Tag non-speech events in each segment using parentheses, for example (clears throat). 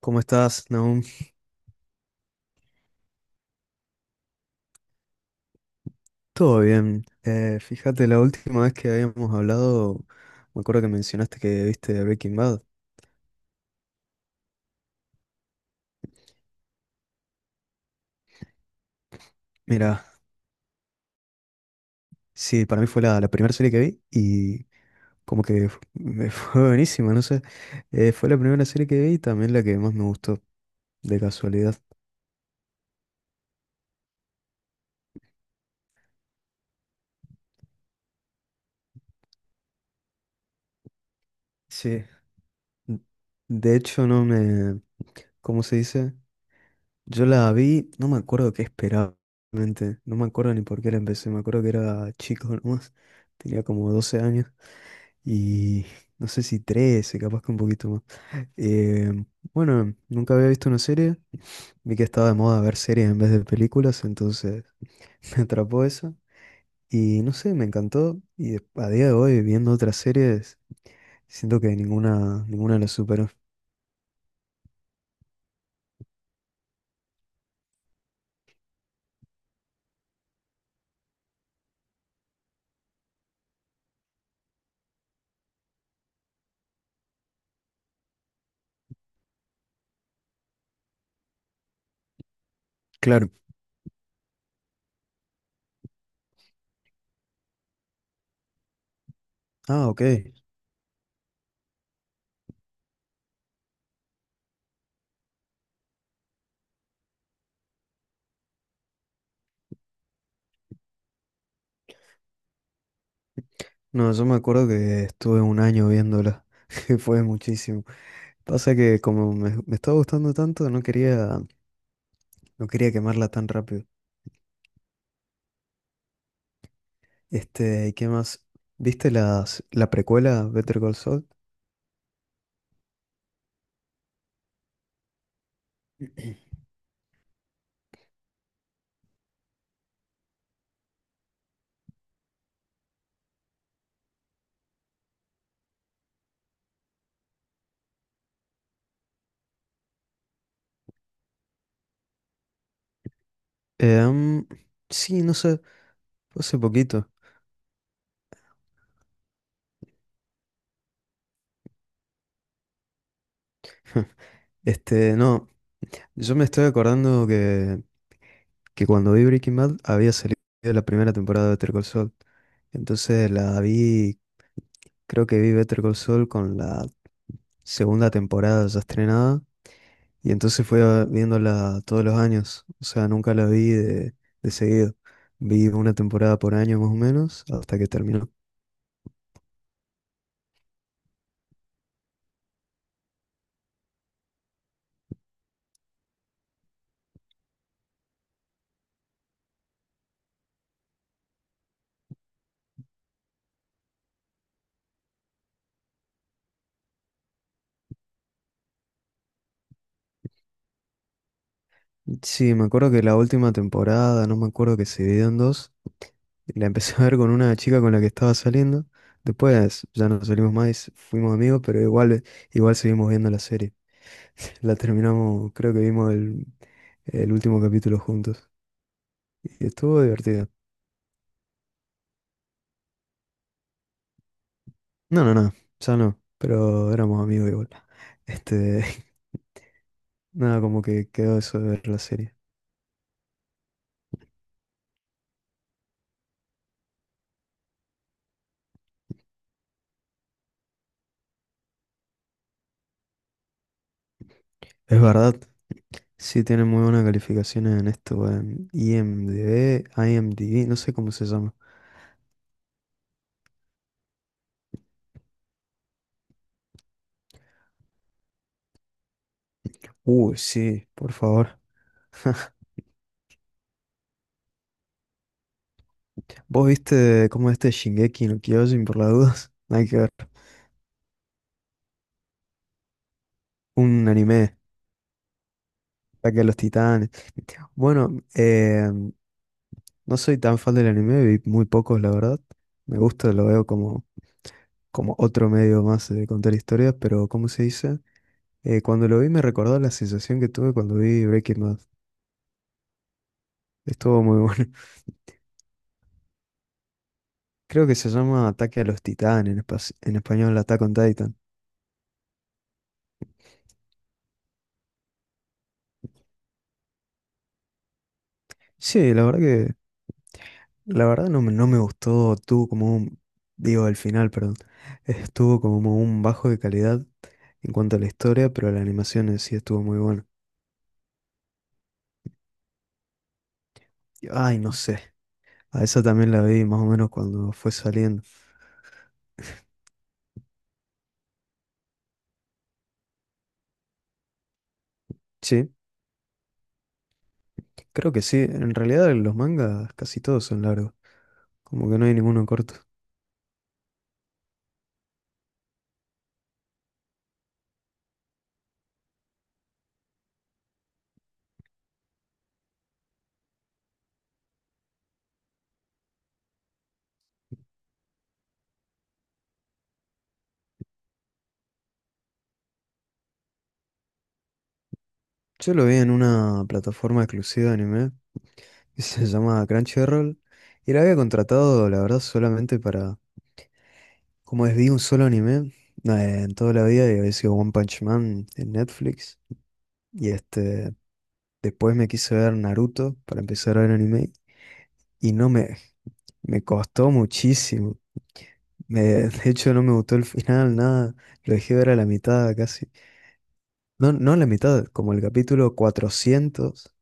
¿Cómo estás, Nahum? Todo bien. Fíjate, la última vez que habíamos hablado, me acuerdo que mencionaste que viste Breaking Bad. Mira, sí, para mí fue la primera serie que vi y como que me (laughs) fue buenísima, no sé. Fue la primera serie que vi y también la que más me gustó, de casualidad. Sí. De hecho, no me... ¿Cómo se dice? Yo la vi, no me acuerdo qué esperaba, realmente. No me acuerdo ni por qué la empecé, me acuerdo que era chico nomás, tenía como 12 años. Y no sé si 13, capaz que un poquito más. Eh, bueno, nunca había visto una serie, vi que estaba de moda ver series en vez de películas, entonces (laughs) me atrapó eso y no sé, me encantó y a día de hoy viendo otras series siento que ninguna, ninguna la superó. Claro. Ah, ok. No, yo me acuerdo que estuve un año viéndola, (laughs) que fue muchísimo. Pasa que como me estaba gustando tanto, no quería, no quería quemarla tan rápido. Este, ¿y qué más? ¿Viste las, la precuela Better Call Saul? (clears throat) Em, sí, no sé, fue hace poquito. (laughs) Este, no, yo me estoy acordando que, cuando vi Breaking Bad había salido la primera temporada de Better Call Saul. Entonces la vi, creo que vi Better Call Saul con la segunda temporada ya estrenada. Y entonces viéndola todos los años, o sea, nunca la vi de seguido. Vi una temporada por año más o menos hasta que terminó. Sí, me acuerdo que la última temporada, no me acuerdo que se dividió en dos, la empecé (laughs) a ver con una chica con la que estaba saliendo. Después ya no salimos más, fuimos amigos, pero igual, igual seguimos viendo la serie. La terminamos, creo que vimos el último capítulo juntos. Y estuvo divertido. No, no, no, ya no, pero éramos amigos igual. Este, nada, como que quedó eso de ver la serie. Es verdad, sí tiene muy buenas calificaciones en esto, en IMDb, IMDb, no sé cómo se llama. Uy, sí, por favor. ¿Vos viste cómo este Shingeki no Kyojin por las dudas? (laughs) Nada que ver. Un anime. Ataque a los Titanes. Bueno, no soy tan fan del anime, vi muy pocos, la verdad. Me gusta, lo veo como otro medio más de contar historias, pero ¿cómo se dice? Cuando lo vi me recordó la sensación que tuve cuando vi Breaking Bad. Estuvo muy bueno. (laughs) Creo que se llama Ataque a los Titanes, en español Attack on Titan. Sí, la verdad no me gustó, tuvo como un, digo, el final, perdón, estuvo como un bajo de calidad en cuanto a la historia, pero la animación en sí estuvo muy buena. Ay, no sé. A esa también la vi más o menos cuando fue saliendo. Sí, creo que sí. En realidad los mangas casi todos son largos. Como que no hay ninguno corto. Yo lo vi en una plataforma exclusiva de anime (laughs) que se llama Crunchyroll. Y la había contratado, la verdad, solamente para... Como es, vi un solo anime en toda la vida y había sido One Punch Man en Netflix. Y este... Después me quise ver Naruto para empezar a ver anime y no me, me costó muchísimo. De hecho, no me gustó el final, nada. Lo dejé ver a la mitad casi. No, no a la mitad, como el capítulo 400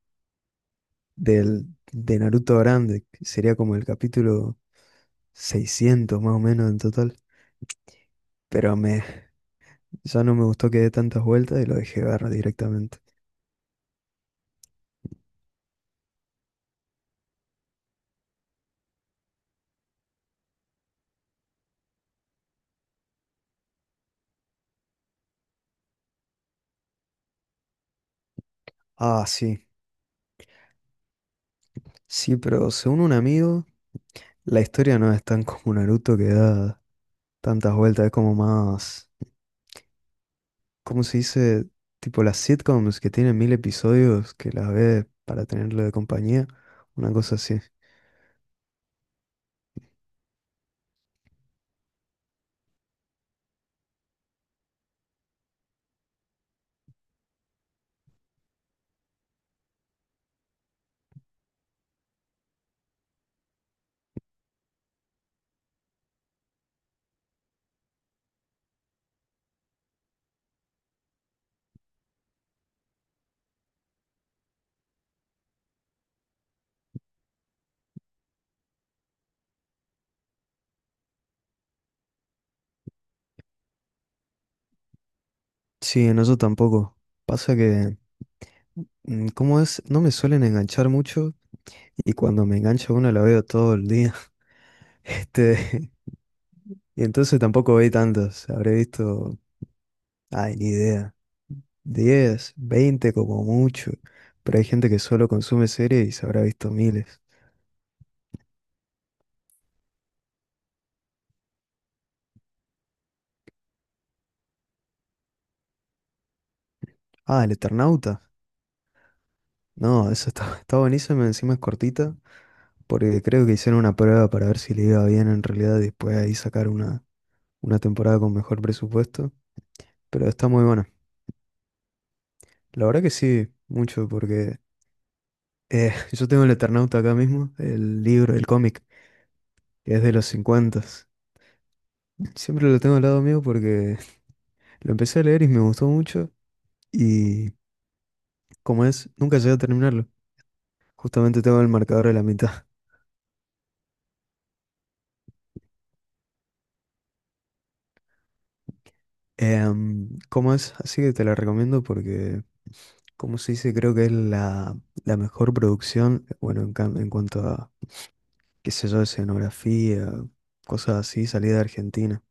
del, de Naruto Grande, que sería como el capítulo 600 más o menos en total. Pero ya no me gustó que dé tantas vueltas y lo dejé ver directamente. Ah, sí. Sí, pero según un amigo, la historia no es tan como Naruto que da tantas vueltas. Es como más, ¿cómo se dice? Tipo las sitcoms que tienen 1.000 episodios que las ves para tenerlo de compañía, una cosa así. Sí, en eso tampoco. Pasa que, ¿cómo es? No me suelen enganchar mucho y cuando me engancha una la veo todo el día. (laughs) Este, (laughs) y entonces tampoco vi tantas. Habré visto, ay, ni idea, 10, 20 como mucho. Pero hay gente que solo consume series y se habrá visto miles. Ah, El Eternauta. No, esa está, (laughs) está buenísima, encima es cortita. Porque creo que hicieron una prueba para ver si le iba bien en realidad y después ahí sacar una temporada con mejor presupuesto. Pero está muy buena. La verdad que sí, mucho, porque (laughs) yo tengo el Eternauta acá mismo, el libro, el cómic, que es de los 50. Siempre lo tengo al lado mío porque (laughs) lo empecé a leer y me gustó mucho. Y como es, nunca llegué a terminarlo. Justamente tengo el marcador a la mitad. (laughs) ¿Cómo es? Así que te la recomiendo porque, como se dice, creo que es la mejor producción, bueno, en cuanto a, qué sé yo, escenografía, cosas así, salida de Argentina.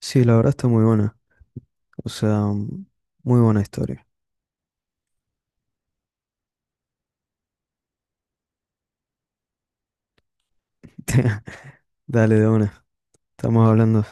Sí, la verdad está muy buena, o sea, muy buena historia. (laughs) Dale de una, estamos hablando.